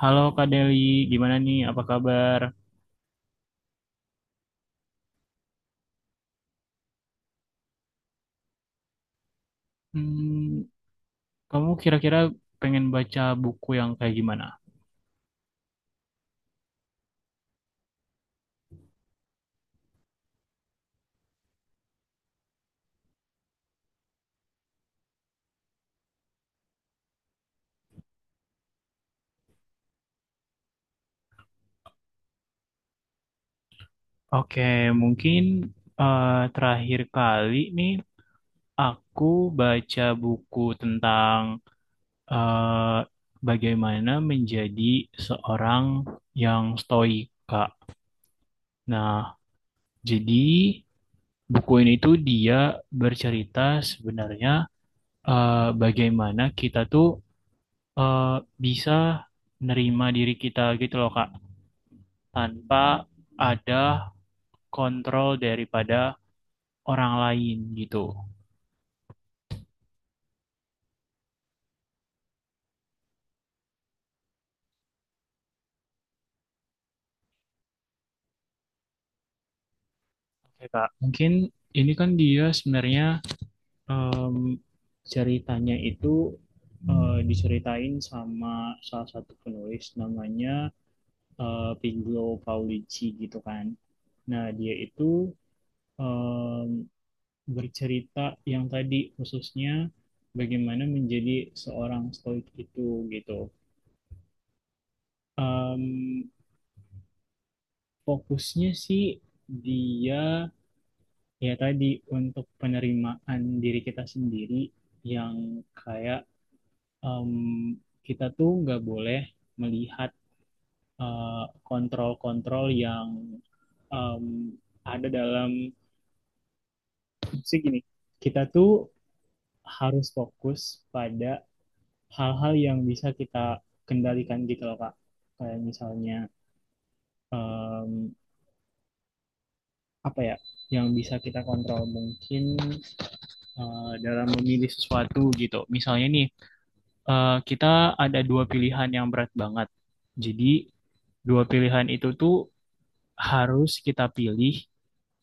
Halo Kak Deli, gimana nih? Apa kabar? Hmm, kamu kira-kira pengen baca buku yang kayak gimana? Oke, mungkin eh, terakhir kali nih aku baca buku tentang eh, bagaimana menjadi seorang yang stoik, Kak. Nah, jadi buku ini tuh dia bercerita sebenarnya, eh, bagaimana kita tuh bisa nerima diri kita gitu loh Kak, tanpa ada kontrol daripada orang lain gitu. Oke Kak, mungkin ini kan dia sebenarnya, em, ceritanya itu, diceritain sama salah satu penulis namanya Piggio Paolucci gitu kan. Nah dia itu em, bercerita yang tadi khususnya bagaimana menjadi seorang stoik itu gitu. Em, Fokusnya sih dia, ya tadi, untuk penerimaan diri kita sendiri yang kayak, em, kita tuh nggak boleh melihat eh, kontrol-kontrol yang, em, ada dalam, sih gini, kita tuh harus fokus pada hal-hal yang bisa kita kendalikan gitu loh Kak, kayak misalnya em, apa ya yang bisa kita kontrol, mungkin dalam memilih sesuatu gitu. Misalnya nih, kita ada dua pilihan yang berat banget. Jadi, dua pilihan itu tuh harus kita pilih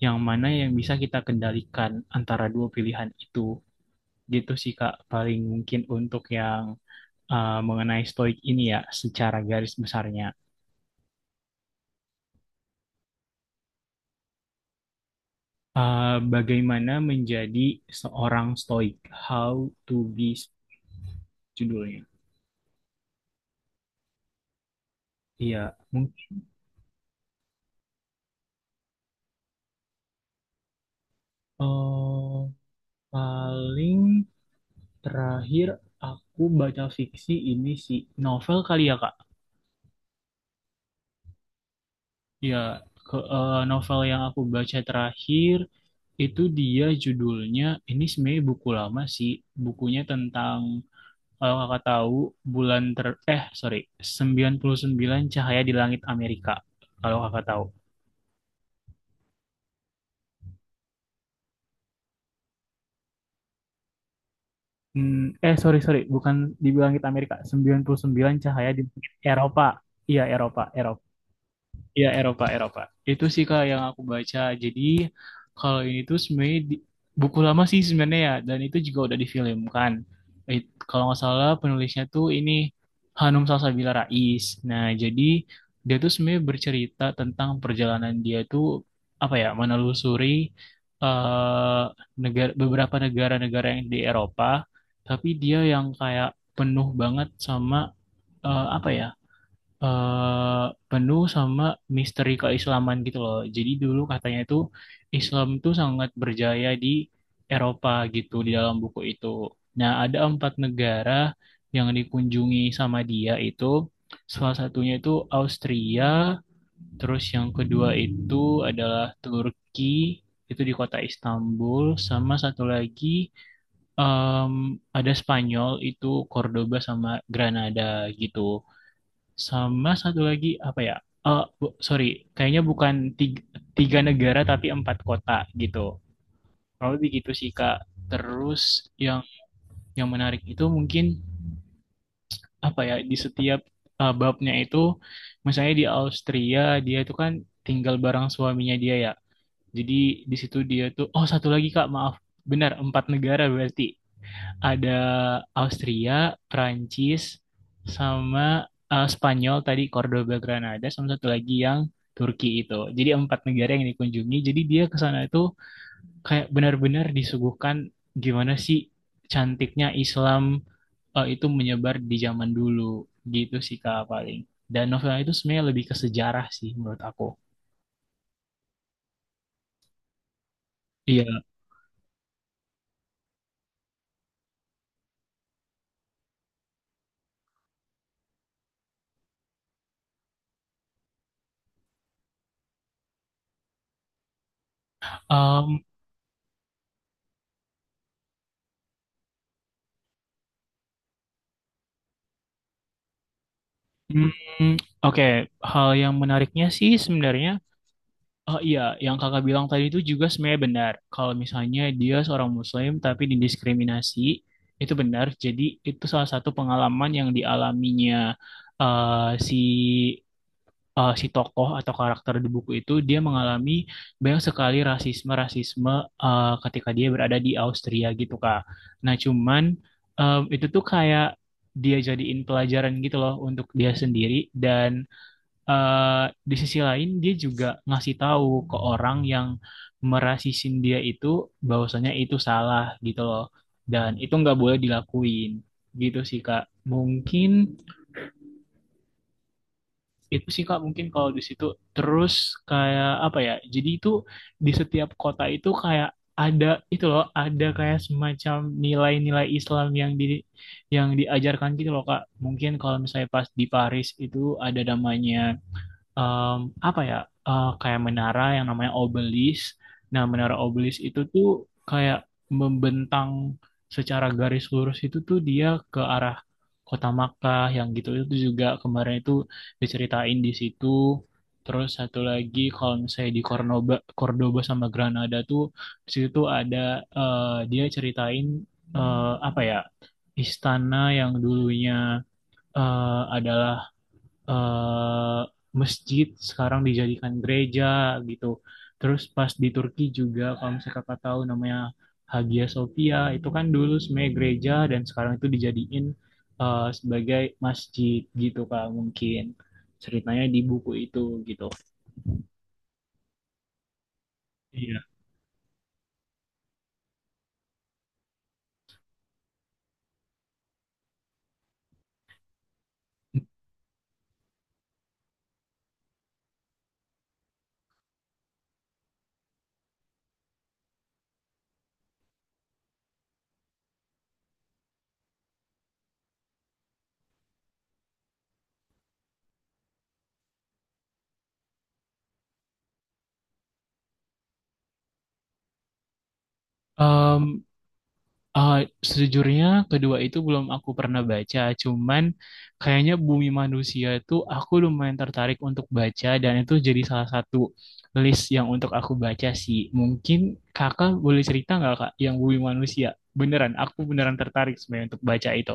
yang mana yang bisa kita kendalikan antara dua pilihan itu. Gitu sih, Kak, paling mungkin untuk yang mengenai stoik ini ya, secara garis besarnya. Bagaimana menjadi seorang stoik? How to be, judulnya. Iya, mungkin eh, paling terakhir aku baca fiksi ini sih, novel kali ya Kak. Ya, novel yang aku baca terakhir itu dia judulnya, ini sebenarnya buku lama sih. Bukunya tentang, kalau Kakak tahu, bulan ter eh sorry 99 Cahaya di Langit Amerika. Kalau Kakak tahu. Hmm, sorry, sorry, bukan di Langit Amerika, 99 Cahaya di Langit Eropa. Iya, Eropa, Eropa. Iya, Eropa, Eropa, itu sih kak yang aku baca. Jadi kalau ini tuh sebenarnya buku lama sih sebenarnya ya, dan itu juga udah difilmkan. Eh, Kalau nggak salah penulisnya tuh ini Hanum Salsabila Rais. Nah jadi dia tuh sebenarnya bercerita tentang perjalanan dia tuh, apa ya, menelusuri eh negara beberapa negara-negara yang di Eropa, tapi dia yang kayak penuh banget sama, apa ya, eh penuh sama misteri keislaman gitu loh. Jadi dulu katanya itu Islam tuh sangat berjaya di Eropa gitu, di dalam buku itu. Nah, ada empat negara yang dikunjungi sama dia itu. Salah satunya itu Austria, terus yang kedua itu adalah Turki, itu di kota Istanbul, sama satu lagi em, ada Spanyol, itu Cordoba sama Granada gitu. Sama satu lagi apa ya? Sorry, kayaknya bukan tiga, tiga negara tapi empat kota gitu. Kalau begitu sih Kak. Terus yang yang menarik itu mungkin apa ya? Di setiap babnya itu, misalnya di Austria, dia itu kan tinggal bareng suaminya dia ya. Jadi di situ dia tuh, oh satu lagi Kak, maaf, benar empat negara berarti. Ada Austria, Prancis, sama Spanyol tadi, Cordoba, Granada, sama satu lagi yang Turki itu. Jadi empat negara yang dikunjungi. Jadi dia ke sana itu kayak benar-benar disuguhkan gimana sih cantiknya Islam itu menyebar di zaman dulu, gitu sih Kak paling. Dan novelnya itu sebenarnya lebih ke sejarah sih menurut aku. Iya. Um, mm, oke. Hal yang menariknya sih sebenarnya, oh iya, yang kakak bilang tadi itu juga sebenarnya benar. Kalau misalnya dia seorang Muslim tapi didiskriminasi, itu benar. Jadi itu salah satu pengalaman yang dialaminya, si, si tokoh atau karakter di buku itu, dia mengalami banyak sekali rasisme-rasisme ketika dia berada di Austria gitu Kak. Nah cuman itu tuh kayak dia jadiin pelajaran gitu loh untuk dia sendiri. Dan eh, di sisi lain dia juga ngasih tahu ke orang yang merasisin dia itu bahwasanya itu salah gitu loh, dan itu nggak boleh dilakuin. Gitu sih Kak mungkin, itu sih Kak mungkin kalau di situ. Terus kayak apa ya, jadi itu di setiap kota itu kayak ada, itu loh ada kayak semacam nilai-nilai Islam yang diajarkan gitu loh Kak. Mungkin kalau misalnya pas di Paris itu ada namanya, em, apa ya, kayak menara yang namanya obelisk. Nah, menara obelisk itu tuh kayak membentang secara garis lurus, itu tuh dia ke arah kota Makkah yang gitu, itu juga kemarin itu diceritain di situ. Terus satu lagi kalau misalnya di Cordoba, Cordoba sama Granada tuh, di situ tuh ada, dia ceritain apa ya, istana yang dulunya adalah eh, masjid, sekarang dijadikan gereja gitu. Terus pas di Turki juga kalau misalnya kakak tahu namanya Hagia Sophia, itu kan dulu sebenarnya gereja dan sekarang itu dijadiin sebagai masjid gitu kak, mungkin ceritanya di buku itu gitu. Iya. Em, Eh, Sejujurnya kedua itu belum aku pernah baca, cuman kayaknya Bumi Manusia tuh aku lumayan tertarik untuk baca, dan itu jadi salah satu list yang untuk aku baca sih. Mungkin kakak boleh cerita nggak kak yang Bumi Manusia? Beneran, aku beneran tertarik sebenarnya untuk baca itu.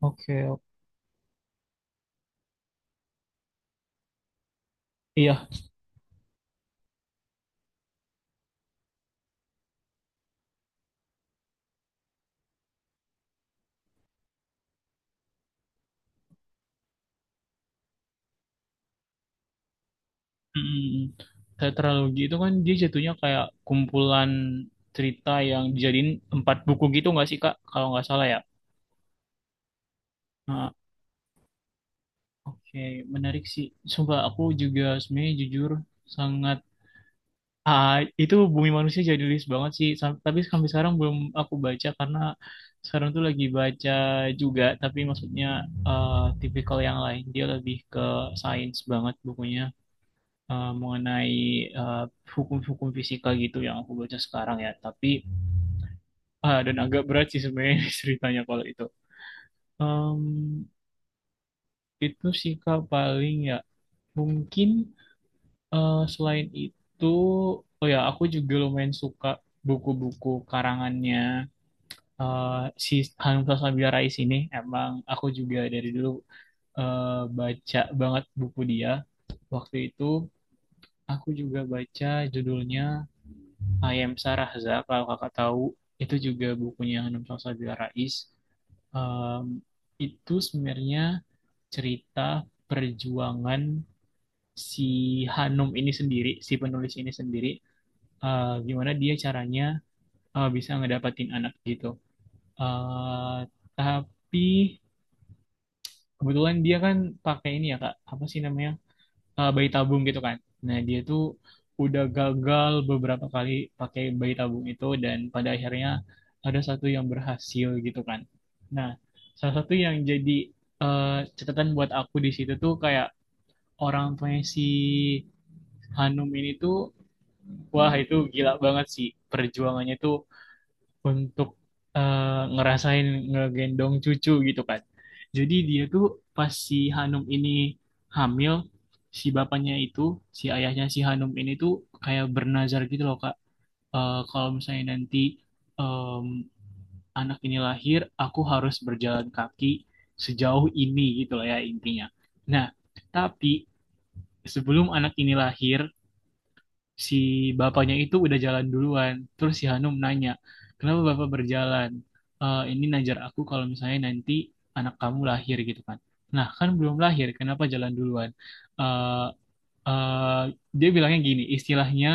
Oke, oke. Iya. Mm, tetralogi itu kan dia jatuhnya kayak kumpulan cerita yang dijadiin empat buku gitu nggak sih Kak? Kalau nggak salah ya. Nah, oke, menarik sih. Sumpah aku juga sebenarnya jujur sangat, ah, itu Bumi Manusia jadi list banget sih. Tapi sampai sekarang belum aku baca karena sekarang tuh lagi baca juga. Tapi maksudnya eh, tipikal yang lain. Dia lebih ke sains banget bukunya, mengenai eh, hukum-hukum fisika gitu yang aku baca sekarang ya. Tapi dan agak berat sih sebenarnya ceritanya kalau itu. Em, itu sih Kak paling ya. Mungkin selain itu, oh ya, aku juga lumayan suka buku-buku karangannya. Si Hanum Sasmabila Rais ini emang aku juga dari dulu baca banget buku dia. Waktu itu aku juga baca judulnya I Am Sarahza, kalau kakak tahu, itu juga bukunya Hanum Sasmabila Rais. Em, itu sebenarnya cerita perjuangan si Hanum ini sendiri, si penulis ini sendiri, gimana dia caranya bisa ngedapatin anak gitu. Eh, tapi kebetulan dia kan pakai ini ya Kak, apa sih namanya? Bayi tabung gitu kan. Nah, dia tuh udah gagal beberapa kali pakai bayi tabung itu, dan pada akhirnya ada satu yang berhasil gitu kan. Nah, salah satu yang jadi eh, catatan buat aku di situ tuh kayak, orang tuanya si Hanum ini tuh, wah itu gila banget sih perjuangannya tuh, untuk ngerasain ngegendong cucu gitu kan. Jadi dia tuh, pas si Hanum ini hamil, si bapaknya itu, si ayahnya si Hanum ini tuh, kayak bernazar gitu loh Kak. Kalau misalnya nanti em, anak ini lahir, aku harus berjalan kaki sejauh ini, gitu lah ya intinya. Nah, tapi sebelum anak ini lahir, si bapaknya itu udah jalan duluan. Terus si Hanum nanya, kenapa bapak berjalan? Ini najar aku kalau misalnya nanti anak kamu lahir gitu kan. Nah, kan belum lahir, kenapa jalan duluan? Eh, eh, Dia bilangnya gini, istilahnya,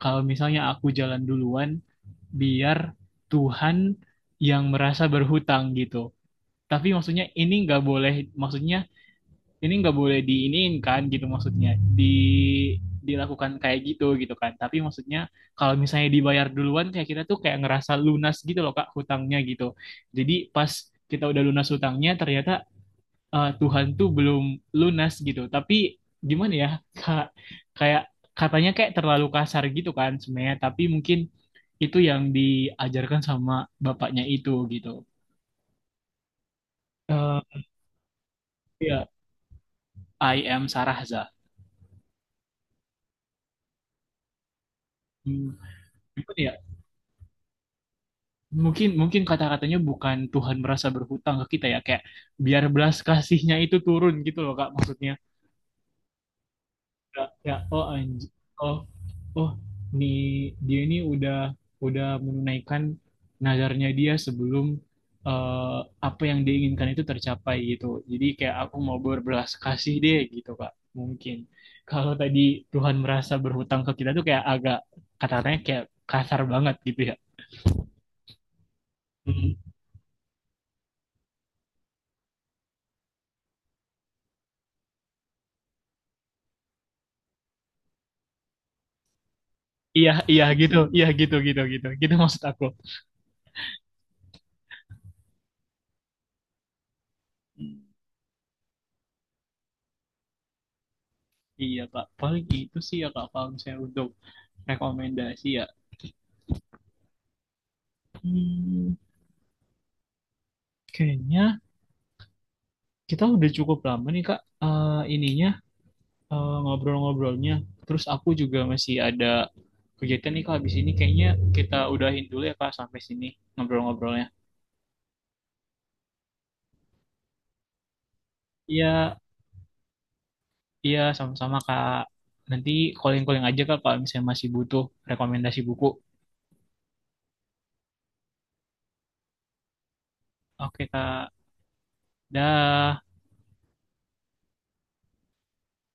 kalau misalnya aku jalan duluan, biar Tuhan yang merasa berhutang gitu. Tapi maksudnya ini nggak boleh, maksudnya ini nggak boleh diinin kan, gitu maksudnya di dilakukan kayak gitu, gitu kan. Tapi maksudnya kalau misalnya dibayar duluan, kayak kita tuh kayak ngerasa lunas gitu loh kak, hutangnya gitu. Jadi pas kita udah lunas hutangnya, ternyata Tuhan tuh belum lunas gitu. Tapi gimana ya kak, kayak katanya kayak terlalu kasar gitu kan sebenarnya, tapi mungkin itu yang diajarkan sama bapaknya itu gitu. Eh, Ya, I Am Sarahza. Hmm, Gimana ya? Mungkin mungkin kata-katanya bukan Tuhan merasa berhutang ke kita ya, kayak biar belas kasihnya itu turun gitu loh Kak maksudnya. Ya, ya, oh, oh oh, nih dia ini udah menunaikan nazarnya dia sebelum eh, apa yang diinginkan itu tercapai gitu. Jadi kayak aku mau berbelas kasih deh gitu Kak. Mungkin kalau tadi Tuhan merasa berhutang ke kita tuh kayak agak, kata-katanya kayak kasar banget gitu ya. Iya, iya gitu, gitu, gitu, gitu maksud aku. Iya kak, paling itu sih ya kak kalau misalnya untuk rekomendasi ya. Hmm, kayaknya kita udah cukup lama nih kak, ininya, ngobrol-ngobrolnya. Terus aku juga masih ada kegiatan nih kak habis ini, kayaknya kita udahin dulu ya kak sampai sini ngobrol-ngobrolnya. Iya, iya sama-sama kak. Nanti calling-calling aja kak kalau misalnya masih butuh rekomendasi buku. Oke kak, dah.